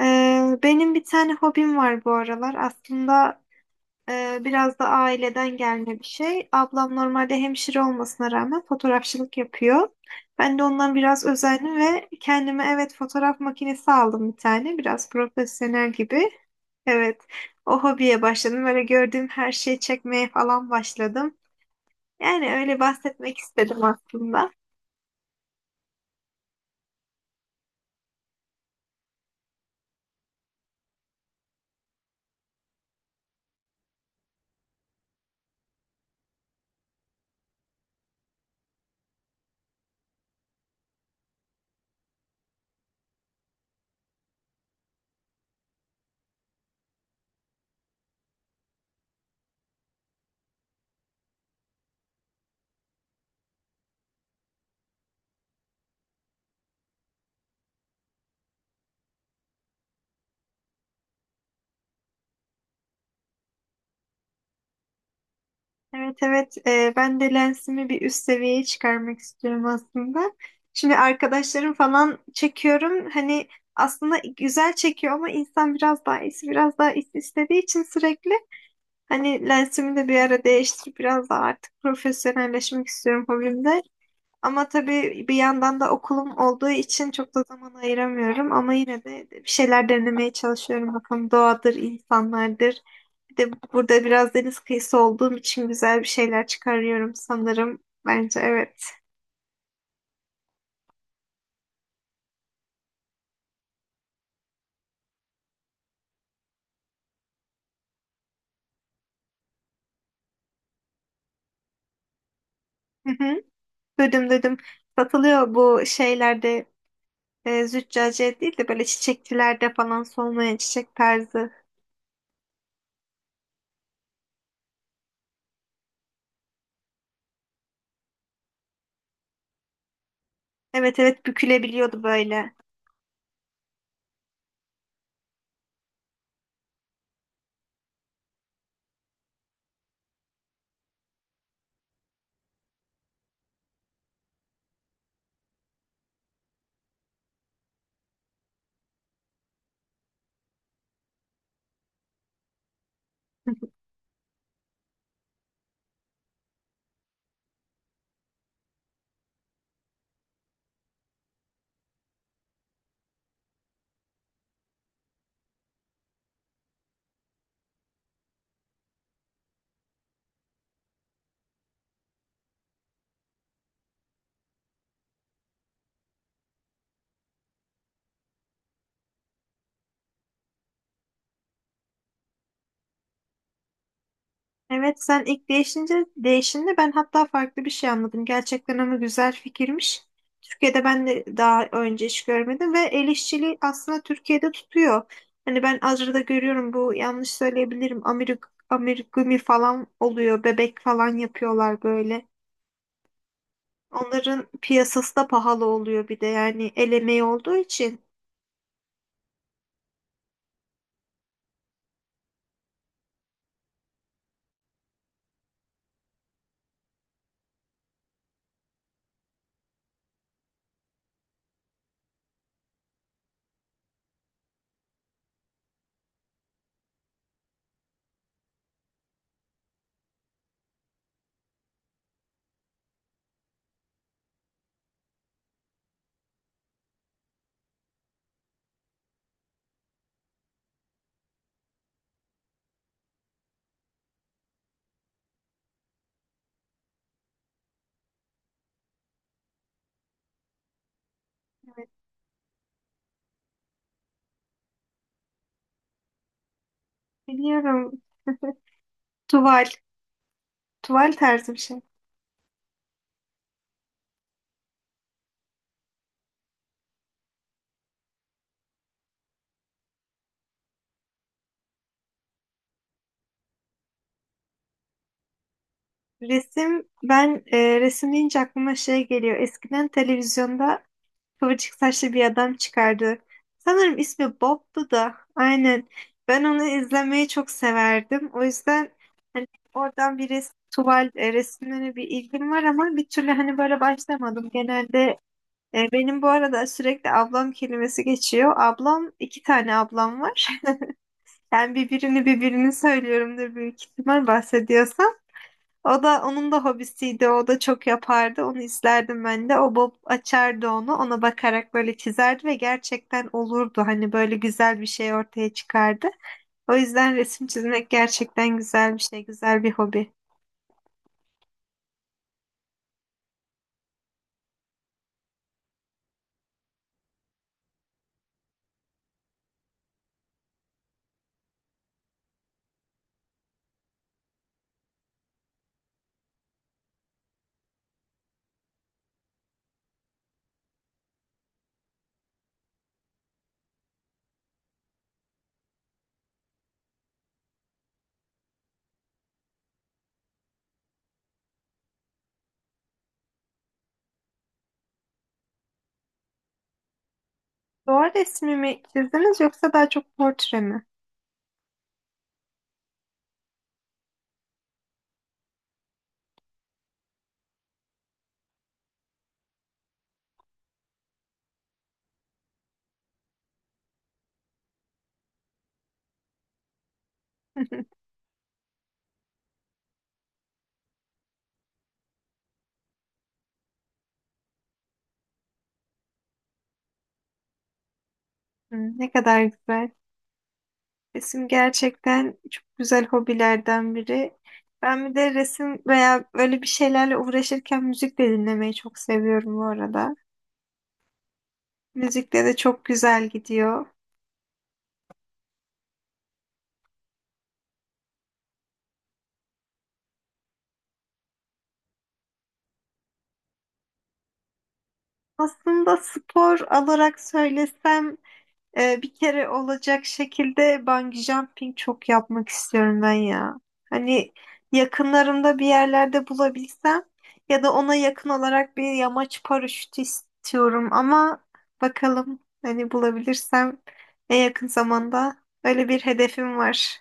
Benim bir tane hobim var bu aralar. Aslında biraz da aileden gelme bir şey. Ablam normalde hemşire olmasına rağmen fotoğrafçılık yapıyor. Ben de ondan biraz özendim ve kendime evet fotoğraf makinesi aldım bir tane. Biraz profesyonel gibi. Evet, o hobiye başladım. Öyle gördüğüm her şeyi çekmeye falan başladım. Yani öyle bahsetmek istedim aslında. Evet, evet. Ben de lensimi bir üst seviyeye çıkarmak istiyorum aslında. Şimdi arkadaşlarım falan çekiyorum. Hani aslında güzel çekiyor ama insan biraz daha iyisi istediği için sürekli hani lensimi de bir ara değiştirip biraz daha artık profesyonelleşmek istiyorum hobimde. Ama tabii bir yandan da okulum olduğu için çok da zaman ayıramıyorum ama yine de bir şeyler denemeye çalışıyorum. Bakalım doğadır, insanlardır. Bir de burada biraz deniz kıyısı olduğum için güzel bir şeyler çıkarıyorum sanırım. Bence evet. Hı hı. Duydum, duydum. Satılıyor bu şeylerde züccaciye değil de böyle çiçekçilerde falan solmayan çiçek tarzı. Evet, evet, bükülebiliyordu böyle. Evet, sen ilk değişinde ben hatta farklı bir şey anladım. Gerçekten ama güzel fikirmiş. Türkiye'de ben de daha önce hiç görmedim ve el işçiliği aslında Türkiye'de tutuyor. Hani ben Azra'da görüyorum bu yanlış söyleyebilirim. Amigurumi falan oluyor. Bebek falan yapıyorlar böyle. Onların piyasası da pahalı oluyor bir de yani el emeği olduğu için. Evet, biliyorum. Tuval. Tuval tarzı bir şey. Resim, ben resim deyince aklıma şey geliyor. Eskiden televizyonda kıvırcık saçlı bir adam çıkardı. Sanırım ismi Bob'du da. Aynen. Ben onu izlemeyi çok severdim. O yüzden hani oradan bir resim, tuval resimlerine bir ilgim var ama bir türlü hani böyle başlamadım. Genelde benim bu arada sürekli ablam kelimesi geçiyor. Ablam, iki tane ablam var. Ben birbirini söylüyorumdur büyük ihtimal bahsediyorsam. O da onun da hobisiydi. O da çok yapardı. Onu izlerdim ben de. O Bob açardı onu. Ona bakarak böyle çizerdi ve gerçekten olurdu. Hani böyle güzel bir şey ortaya çıkardı. O yüzden resim çizmek gerçekten güzel bir şey, güzel bir hobi. Doğal resmi mi çizdiniz yoksa daha çok portre mi? Hmm, ne kadar güzel. Resim gerçekten çok güzel hobilerden biri. Ben bir de resim veya öyle bir şeylerle uğraşırken müzik de dinlemeyi çok seviyorum bu arada. Müzikte de çok güzel gidiyor. Aslında spor olarak söylesem, bir kere olacak şekilde bungee jumping çok yapmak istiyorum ben ya. Hani yakınlarımda bir yerlerde bulabilsem ya da ona yakın olarak bir yamaç paraşütü istiyorum ama bakalım, hani bulabilirsem en yakın zamanda, öyle bir hedefim var.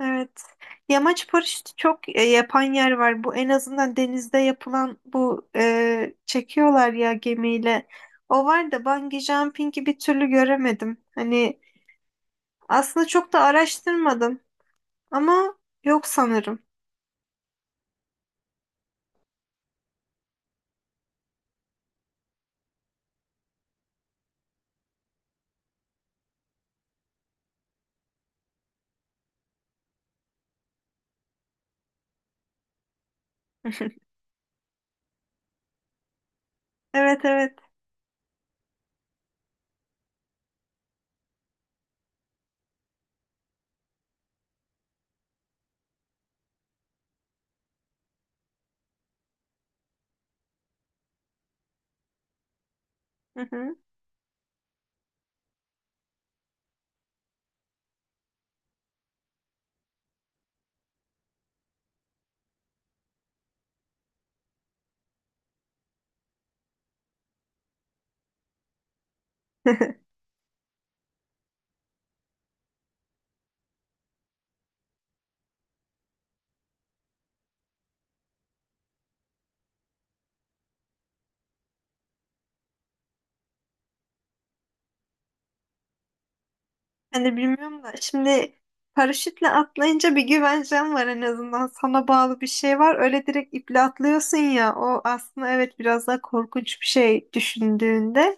Evet. Yamaç paraşütü çok yapan yer var. Bu en azından denizde yapılan bu çekiyorlar ya gemiyle. O var da bungee jumping'i bir türlü göremedim. Hani aslında çok da araştırmadım ama yok sanırım. Evet, evet. Hı hı. Hani bilmiyorum da şimdi paraşütle atlayınca bir güvencen var en azından. Sana bağlı bir şey var. Öyle direkt iple atlıyorsun ya. O aslında evet biraz daha korkunç bir şey düşündüğünde.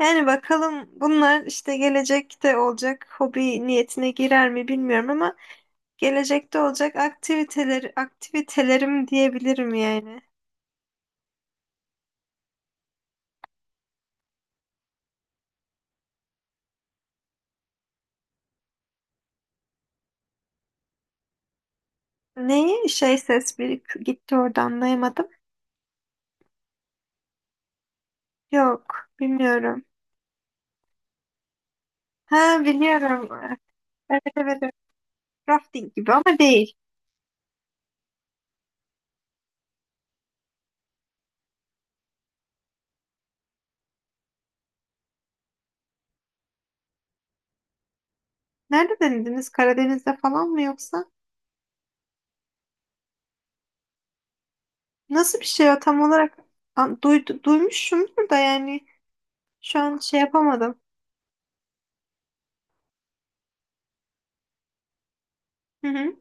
Yani bakalım bunlar işte gelecekte olacak hobi niyetine girer mi bilmiyorum ama gelecekte olacak aktivitelerim diyebilirim yani. Neyi? Şey, ses bir gitti orada anlayamadım. Yok, bilmiyorum. Ha, biliyorum. Evet, evet, evet. Rafting gibi ama değil. Nerede denediniz? Karadeniz'de falan mı yoksa? Nasıl bir şey o tam olarak? Duydu, duymuşumdur da yani şu an şey yapamadım. Hı hı.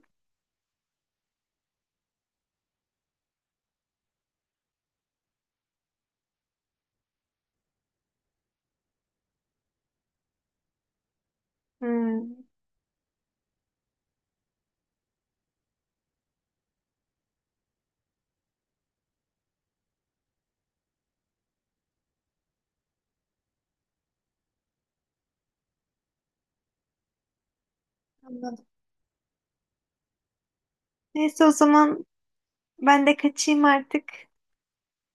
Hmm, anladım. Neyse o zaman ben de kaçayım artık.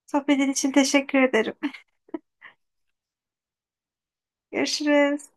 Sohbetin için teşekkür ederim. Görüşürüz.